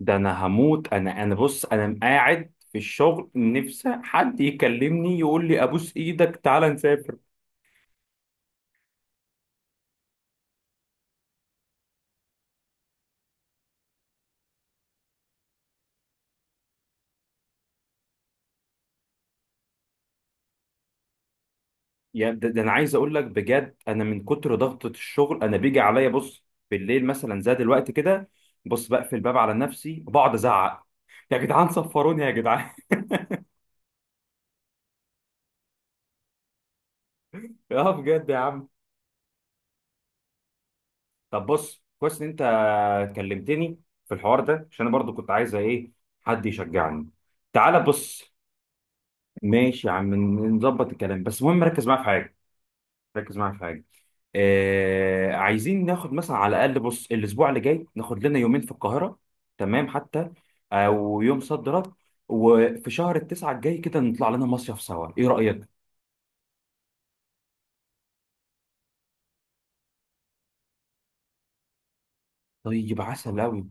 ده انا هموت. انا بص، انا قاعد في الشغل نفسي حد يكلمني يقول لي ابوس ايدك تعالى نسافر. يعني ده انا عايز اقول لك بجد، انا من كتر ضغطة الشغل انا بيجي عليا بص بالليل مثلا زي دلوقتي كده. بص بقفل الباب على نفسي وبقعد ازعق: يا جدعان صفروني يا جدعان. اه بجد يا عم. طب بص، كويس ان انت كلمتني في الحوار ده، عشان انا برضو كنت عايز ايه، حد يشجعني. تعالى بص. ماشي يا عم، نظبط الكلام، بس المهم ركز معايا في حاجة. ركز معايا في حاجه. آه، عايزين ناخد مثلا على الاقل بص الاسبوع اللي جاي ناخد لنا يومين في القاهره، تمام. حتى او يوم صد رد. وفي شهر التسعه الجاي كده نطلع لنا مصيف سوا، ايه رايك؟ طيب عسل قوي.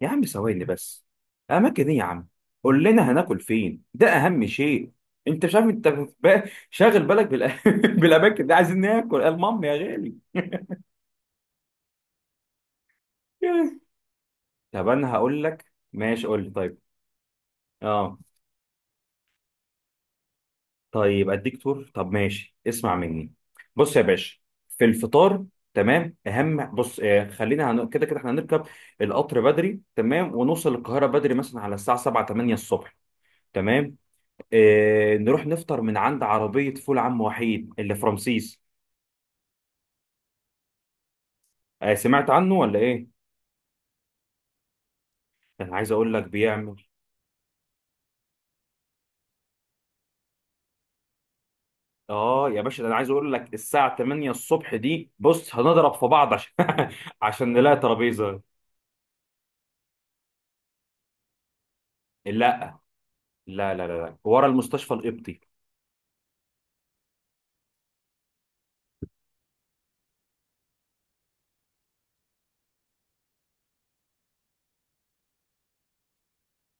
يا عم ثواني بس. اماكن ايه يا عم؟ قول لنا هناكل فين، ده اهم شيء. انت مش عارف انت شاغل بالك بالاماكن دي. عايزين ناكل المهم يا غالي. طب انا هقول لك، ماشي قول لي. طيب اه، طيب اديك تور. طب ماشي، اسمع مني. بص يا باشا، في الفطار تمام، اهم بص آه، كده كده احنا هنركب القطر بدري، تمام. ونوصل القاهره بدري مثلا على الساعه 7 8 الصبح، تمام. آه نروح نفطر من عند عربيه فول عم وحيد اللي في رمسيس. آه، سمعت عنه ولا ايه؟ ده انا عايز اقول لك بيعمل. اه يا باشا، ده انا عايز اقول لك الساعه 8 الصبح دي بص هنضرب في بعض عشان عشان نلاقي ترابيزه. لا لا لا لا لا. ورا المستشفى القبطي.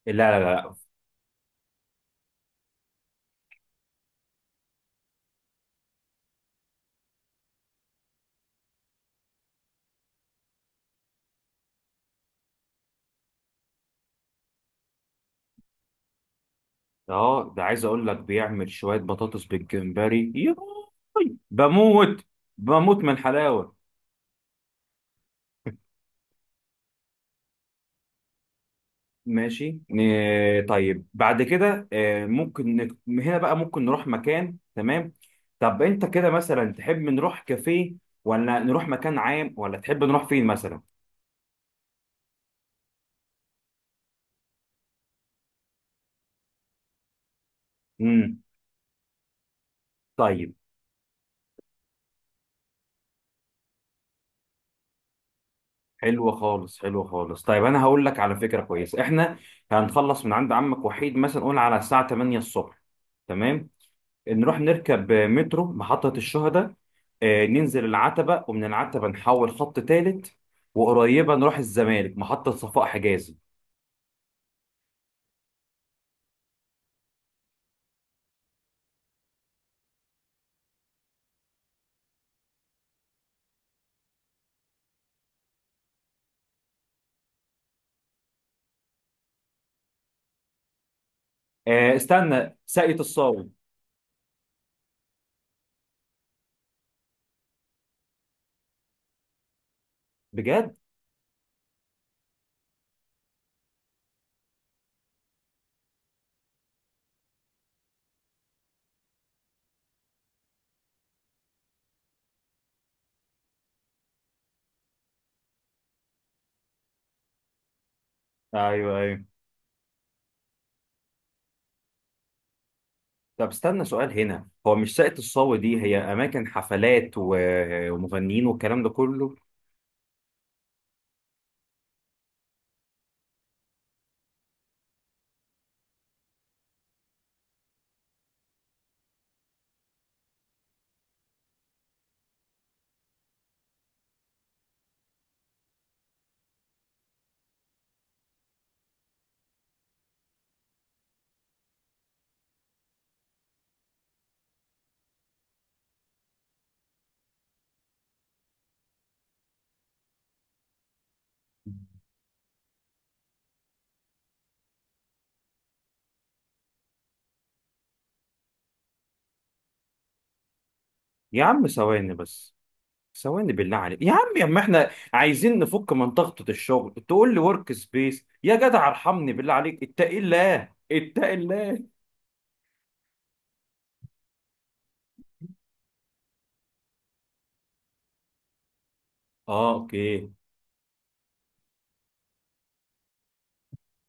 لا لا لا. اه ده عايز اقول لك بيعمل شويه بطاطس بالجمبري ياي. بموت. بموت من الحلاوه. ماشي طيب بعد كده آه، ممكن من هنا بقى ممكن نروح مكان، تمام. طب انت كده مثلا تحب نروح كافيه، ولا نروح مكان عام، ولا تحب نروح فين مثلا؟ امم، طيب. حلوه خالص حلوه خالص. طيب انا هقول لك على فكره كويسه، احنا هنخلص من عند عمك وحيد مثلا قول على الساعه 8 الصبح، تمام. نروح نركب مترو محطة الشهداء، آه، ننزل العتبة ومن العتبة نحول خط تالت، وقريبة نروح الزمالك محطة صفاء حجازي. آه، استنى ساقية الصاوي. بجد؟ ايوه ايوه. طب استنى سؤال هنا، هو مش ساقية الصاوي دي هي أماكن حفلات ومغنيين والكلام ده كله؟ يا عم ثواني بس. ثواني بالله عليك يا عم يا عم، احنا عايزين نفك من ضغطة الشغل تقول لي ورك سبيس؟ يا جدع ارحمني، بالله عليك اتقي الله اتقي الله. اه اوكي.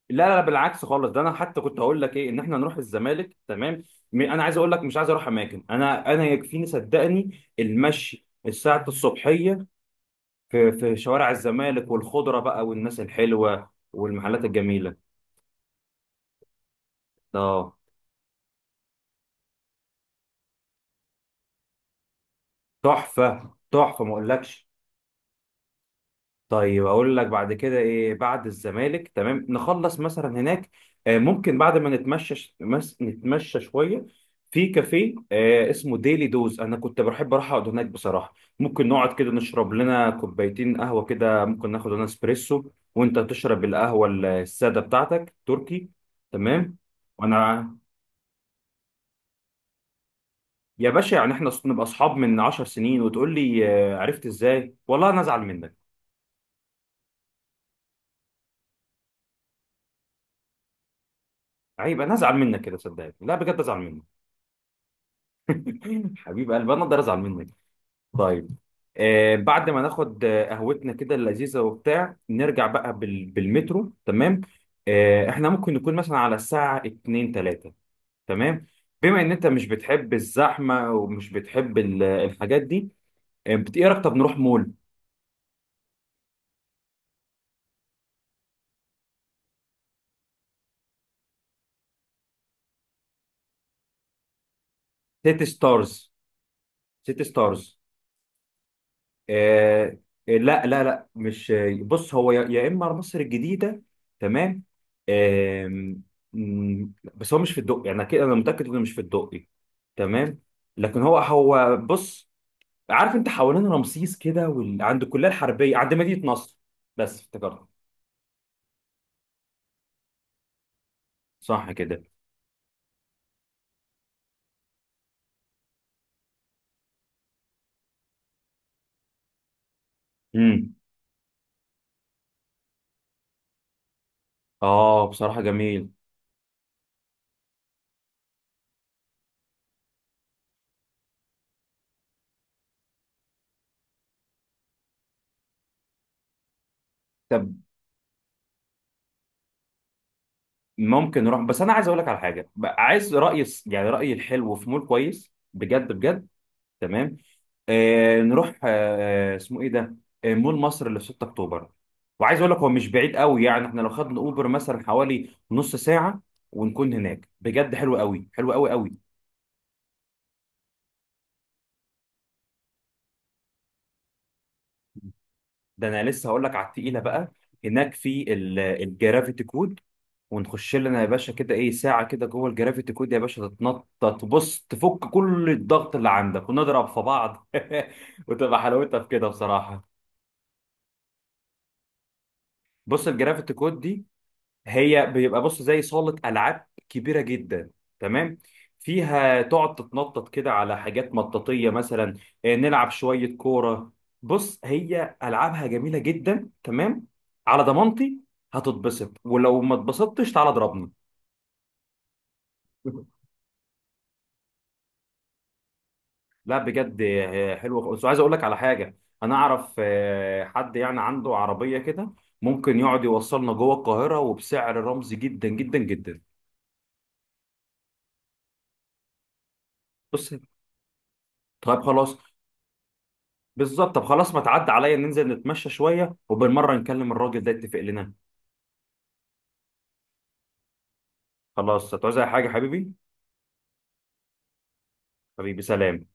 لا لا لا، بالعكس خالص. ده انا حتى كنت هقول لك ايه، ان احنا نروح الزمالك، تمام. انا عايز اقول لك مش عايز اروح اماكن. انا يكفيني صدقني المشي الساعه الصبحيه في في شوارع الزمالك والخضره بقى والناس الحلوه والمحلات الجميله. اه، تحفه تحفه ما اقولكش. طيب اقول لك بعد كده ايه، بعد الزمالك تمام نخلص مثلا هناك آه، ممكن بعد ما نتمشى نتمشى شويه في كافيه آه، اسمه ديلي دوز. انا كنت بحب اروح اقعد هناك بصراحه. ممكن نقعد كده نشرب لنا كوبايتين قهوه كده، ممكن ناخد لنا اسبريسو وانت تشرب القهوه الساده بتاعتك تركي. تمام وانا. يا باشا يعني احنا نبقى اصحاب من عشر سنين وتقول لي آه، عرفت ازاي؟ والله انا ازعل منك. عيب انا ازعل منك كده صدقني. لا بجد ازعل منك. حبيب قلبي انا اقدر ازعل منك؟ طيب آه، بعد ما ناخد آه، قهوتنا كده اللذيذه وبتاع نرجع بقى بالمترو، تمام. آه احنا ممكن نكون مثلا على الساعه 2 3، تمام. بما ان انت مش بتحب الزحمه ومش بتحب الحاجات دي آه، ايه رايك طب نروح مول؟ سيتي ستارز، سيتي ستارز. آه آه، لا لا لا مش. بص هو يا اما مصر الجديده، تمام. آم، مم، بس هو مش في الدقي يعني كده انا متاكد انه مش في الدقي، تمام. لكن هو هو بص، عارف انت حوالين رمسيس كده عند الكليه الحربيه عند مدينه نصر. بس افتكرت. صح كده. امم. اه بصراحه جميل. طب ممكن نروح، بس انا عايز اقول لك على حاجه بقى، عايز رايي يعني رايي الحلو في مول كويس بجد بجد، تمام. آه نروح آه اسمه ايه ده، آه مول مصر اللي في 6 اكتوبر. وعايز اقول لك هو مش بعيد قوي يعني، احنا لو خدنا اوبر مثلا حوالي نص ساعه ونكون هناك. بجد حلو قوي حلو قوي قوي. ده انا لسه هقول لك على التقيله بقى. هناك في الجرافيتي كود. ونخش لنا يا باشا كده ايه ساعه كده جوه الجرافيتي كود يا باشا، تتنطط، تبص، تفك كل الضغط اللي عندك، ونضرب في بعض. وتبقى حلاوتها في كده بصراحه. بص الجرافيتي كود دي هي بيبقى بص زي صالة ألعاب كبيرة جدا، تمام. فيها تقعد تتنطط كده على حاجات مطاطية مثلا، آه، نلعب شوية كورة. بص هي ألعابها جميلة جدا، تمام. على ضمانتي هتتبسط، ولو ما اتبسطتش تعالى اضربني. لا بجد آه، حلوة خالص. وعايز اقول لك على حاجة، انا اعرف آه، حد يعني عنده عربية كده ممكن يقعد يوصلنا جوه القاهرة وبسعر رمزي جدا جدا جدا. بص، طيب خلاص. بالظبط. طب خلاص ما تعدي عليا ننزل نتمشى شويه وبالمره نكلم الراجل ده يتفق لنا. خلاص، هتعوز اي حاجه حبيبي؟ حبيبي، سلام.